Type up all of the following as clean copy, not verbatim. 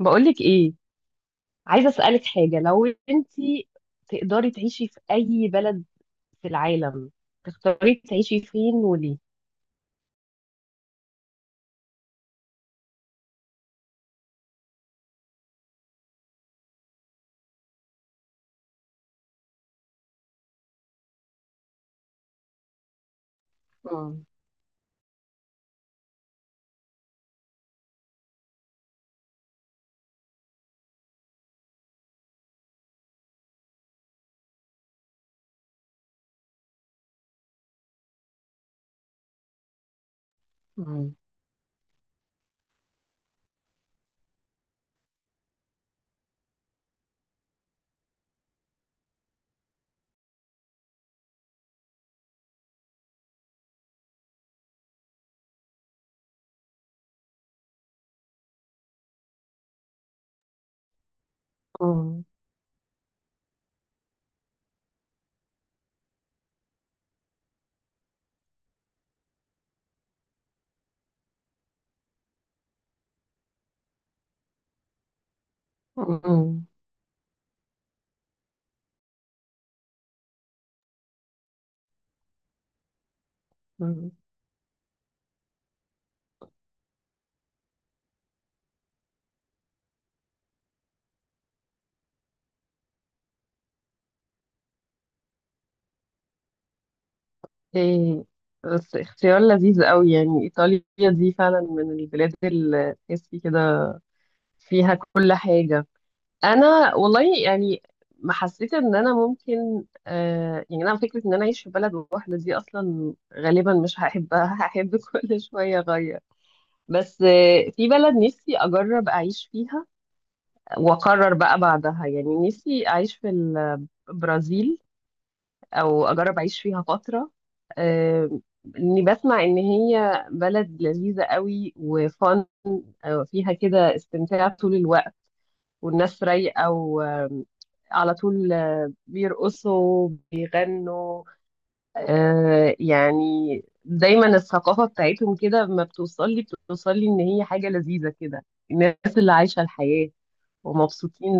بقولك ايه، عايزه اسالك حاجه. لو انتي تقدري تعيشي في اي بلد في العالم، تختاري تعيشي فين وليه؟ مم. مم. مم. مم. مم. إيه، بس اختيار لذيذ قوي يعني. إيطاليا دي فعلا من البلاد اللي تحسي كده فيها كل حاجة. أنا والله يعني ما حسيت إن أنا ممكن، يعني أنا فكرة إن أنا أعيش في بلد واحدة دي أصلا غالبا مش هحبها، هحب كل شوية أغير. بس في بلد نفسي اجرب اعيش فيها واقرر بقى بعدها، يعني نفسي اعيش في البرازيل، او اجرب اعيش فيها فترة. آه، اني بسمع ان هي بلد لذيذة قوي وفن، فيها كده استمتاع طول الوقت والناس رايقة على طول بيرقصوا بيغنوا. يعني دايما الثقافة بتاعتهم كده ما بتوصل لي، بتوصل لي ان هي حاجة لذيذة كده، الناس اللي عايشة الحياة ومبسوطين.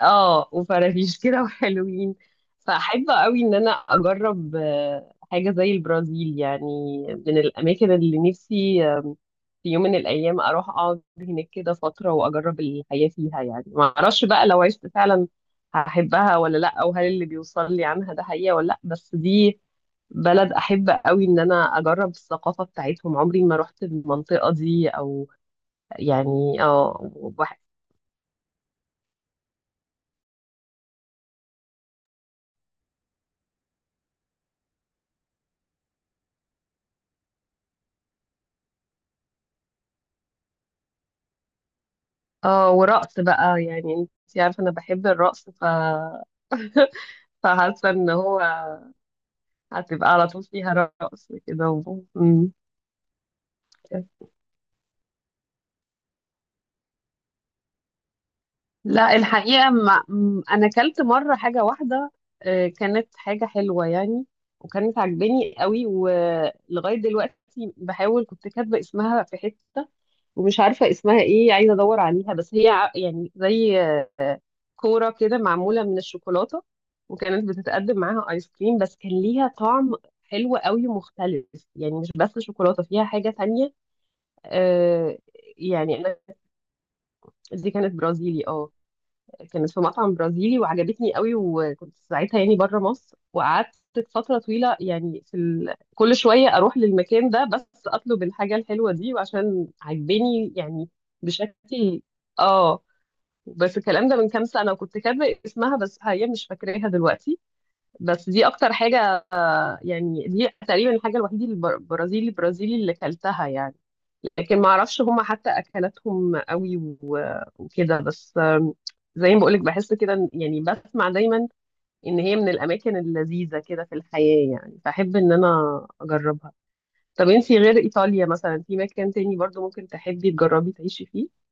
اه، وفرافيش كده وحلوين. فأحب قوي ان انا اجرب حاجة زي البرازيل، يعني من الاماكن اللي نفسي، في يوم من الايام اروح اقعد هناك كده فترة واجرب الحياة فيها. يعني ما اعرفش بقى لو عشت فعلا هحبها ولا لا، او هل اللي بيوصل لي عنها ده حقيقة ولا لا. بس دي بلد احب قوي ان انا اجرب الثقافه بتاعتهم، عمري ما رحت المنطقه دي. او يعني اه، ورقص بقى. يعني انت عارفه انا بحب الرقص فحاسه ان هو هتبقى على طول فيها رقص كده مم. لا، الحقيقة ما م- أنا أكلت مرة حاجة واحدة. كانت حاجة حلوة يعني، وكانت عجباني قوي، ولغاية دلوقتي بحاول. كنت كاتبة اسمها في حتة ومش عارفة اسمها ايه، عايزة ادور عليها. بس هي يعني زي كورة كده معمولة من الشوكولاتة. وكانت بتتقدم معاها ايس كريم، بس كان ليها طعم حلو قوي مختلف. يعني مش بس شوكولاتة، فيها حاجة تانية. آه يعني انا، دي كانت برازيلي، اه. كانت في مطعم برازيلي وعجبتني قوي، وكنت ساعتها يعني بره مصر، وقعدت فترة طويلة يعني في كل شوية اروح للمكان ده بس اطلب الحاجة الحلوة دي، وعشان عجباني يعني بشكل. اه بس الكلام ده من كام سنة، وكنت كاتبة اسمها بس حاليا مش فاكراها دلوقتي. بس دي أكتر حاجة، يعني دي تقريبا الحاجة الوحيدة البرازيلي اللي كلتها يعني. لكن ما أعرفش هما حتى أكلاتهم قوي وكده بس. زي ما بقولك، بحس كده يعني بسمع دايما إن هي من الأماكن اللذيذة كده في الحياة، يعني فأحب إن أنا أجربها. طب أنتي غير إيطاليا، مثلا في مكان تاني برضو ممكن تحبي تجربي تعيشي فيه؟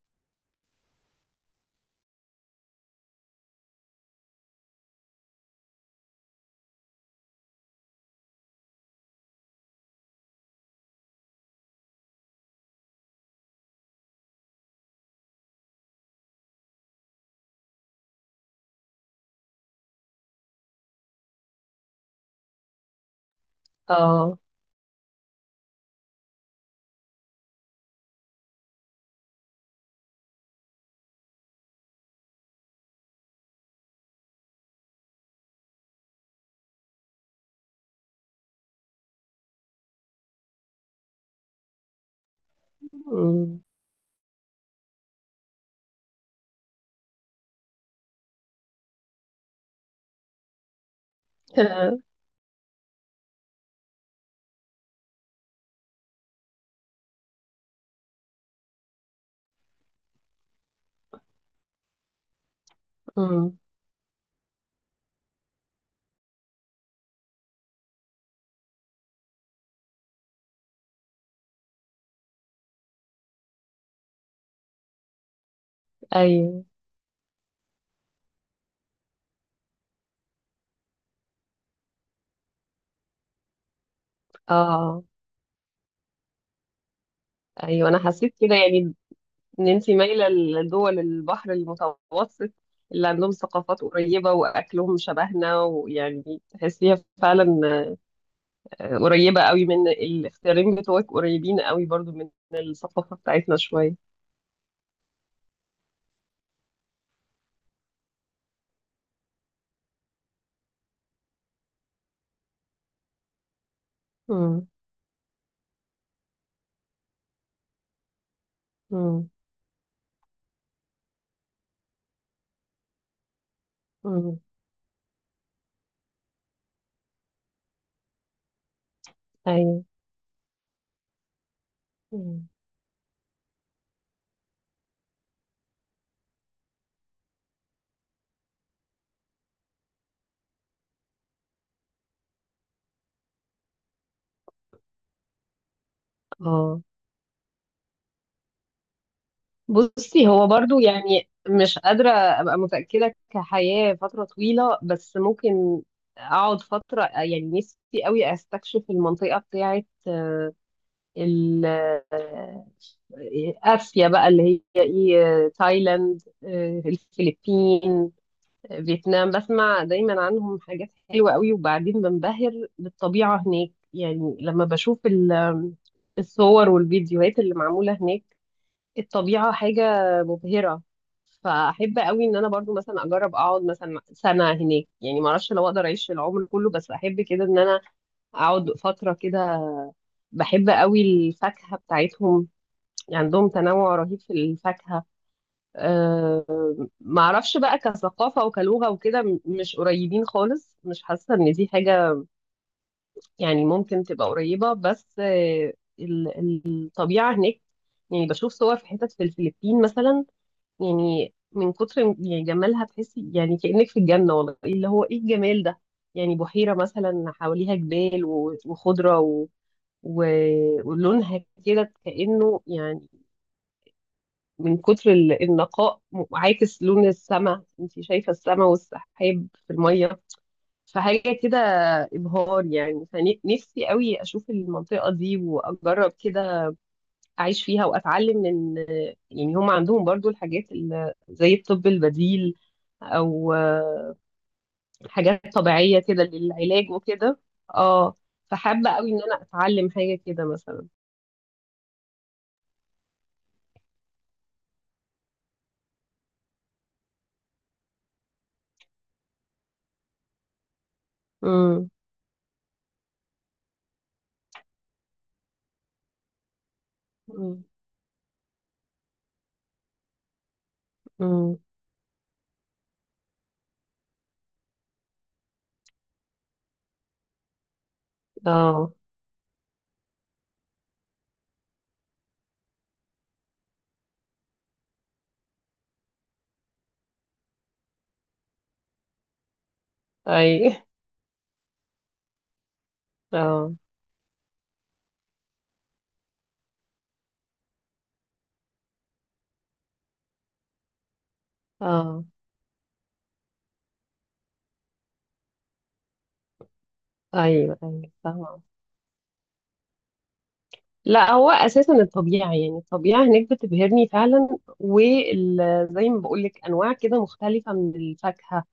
اه، أمم. أمم. ايوه، اه، ايوه، انا حسيت كده يعني. ان انت مايله لدول البحر المتوسط، اللي عندهم ثقافات قريبه واكلهم شبهنا، ويعني تحسيها فعلا. قريبه قوي. من الاختيارين بتوعك، قريبين قوي برضو من الثقافه بتاعتنا شويه. امم، امم، امم، ايوه، مم، اه. بصي، هو برضو يعني مش قادرة أبقى متأكدة كحياة فترة طويلة، بس ممكن أقعد فترة. يعني نفسي قوي أستكشف المنطقة بتاعة ال- آه، آسيا بقى، اللي هي إيه، تايلاند، الفلبين، فيتنام. بسمع دايما عنهم حاجات حلوة قوي، وبعدين بنبهر بالطبيعة هناك. يعني لما بشوف الصور والفيديوهات اللي معمولة هناك، الطبيعة حاجة مبهرة. فأحب قوي إن أنا برضو مثلا أجرب أقعد مثلا سنة هناك، يعني معرفش لو أقدر أعيش العمر كله، بس أحب كده إن أنا أقعد فترة كده. بحب قوي الفاكهة بتاعتهم، يعني عندهم تنوع رهيب في الفاكهة. معرفش بقى كثقافة وكلغة وكده، مش قريبين خالص، مش حاسة إن دي حاجة يعني ممكن تبقى قريبة. بس الطبيعة هناك. يعني بشوف صور في حتت في الفلبين مثلا، يعني من كتر يعني جمالها، تحسي يعني كأنك في الجنة والله، اللي هو ايه الجمال ده. يعني بحيرة مثلا حواليها جبال وخضرة و... ولونها كده كأنه، يعني من كتر النقاء، عاكس لون السماء، انت شايفة السماء والسحاب في المية. فحاجة كده إبهار يعني، فنفسي قوي أشوف المنطقة دي وأجرب كده اعيش فيها واتعلم من. يعني هم عندهم برضو الحاجات، زي الطب البديل، او حاجات طبيعية كده للعلاج وكده. اه، فحابة قوي ان انا اتعلم حاجة كده مثلا. امم، امم، أمم، اه، اي، اه، اه، ايوه، ايوه، فاهمة. لا، هو اساسا الطبيعه، يعني الطبيعه هناك بتبهرني فعلا، وزي ما بقول لك انواع كده مختلفه من الفاكهه.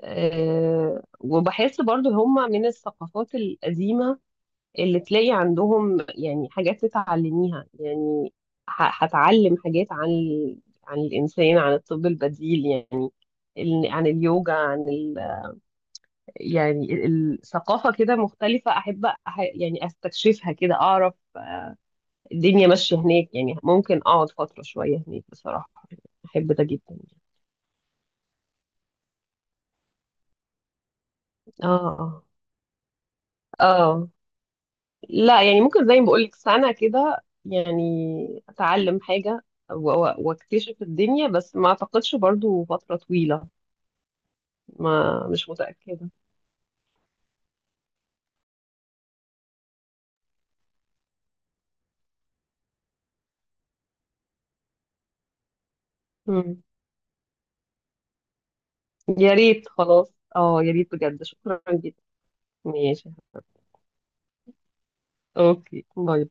وبحس برضو هما من الثقافات القديمة، اللي تلاقي عندهم يعني حاجات تتعلميها. يعني هتعلم حاجات عن عن الإنسان، عن الطب البديل، يعني عن اليوجا، عن يعني الثقافة كده مختلفة. أحب يعني أستكشفها كده، أعرف الدنيا ماشية هناك يعني. ممكن أقعد فترة شوية هناك بصراحة، أحب ده جدا. اه، اه، لا يعني ممكن زي ما بقولك سنة كده يعني أتعلم حاجة واكتشف الدنيا، بس ما أعتقدش برضو فترة طويلة. ما، مش متأكدة. مم. يا ريت، خلاص، اه، يا ريت بجد، شكرا جدا. ماشي، اوكي، باي.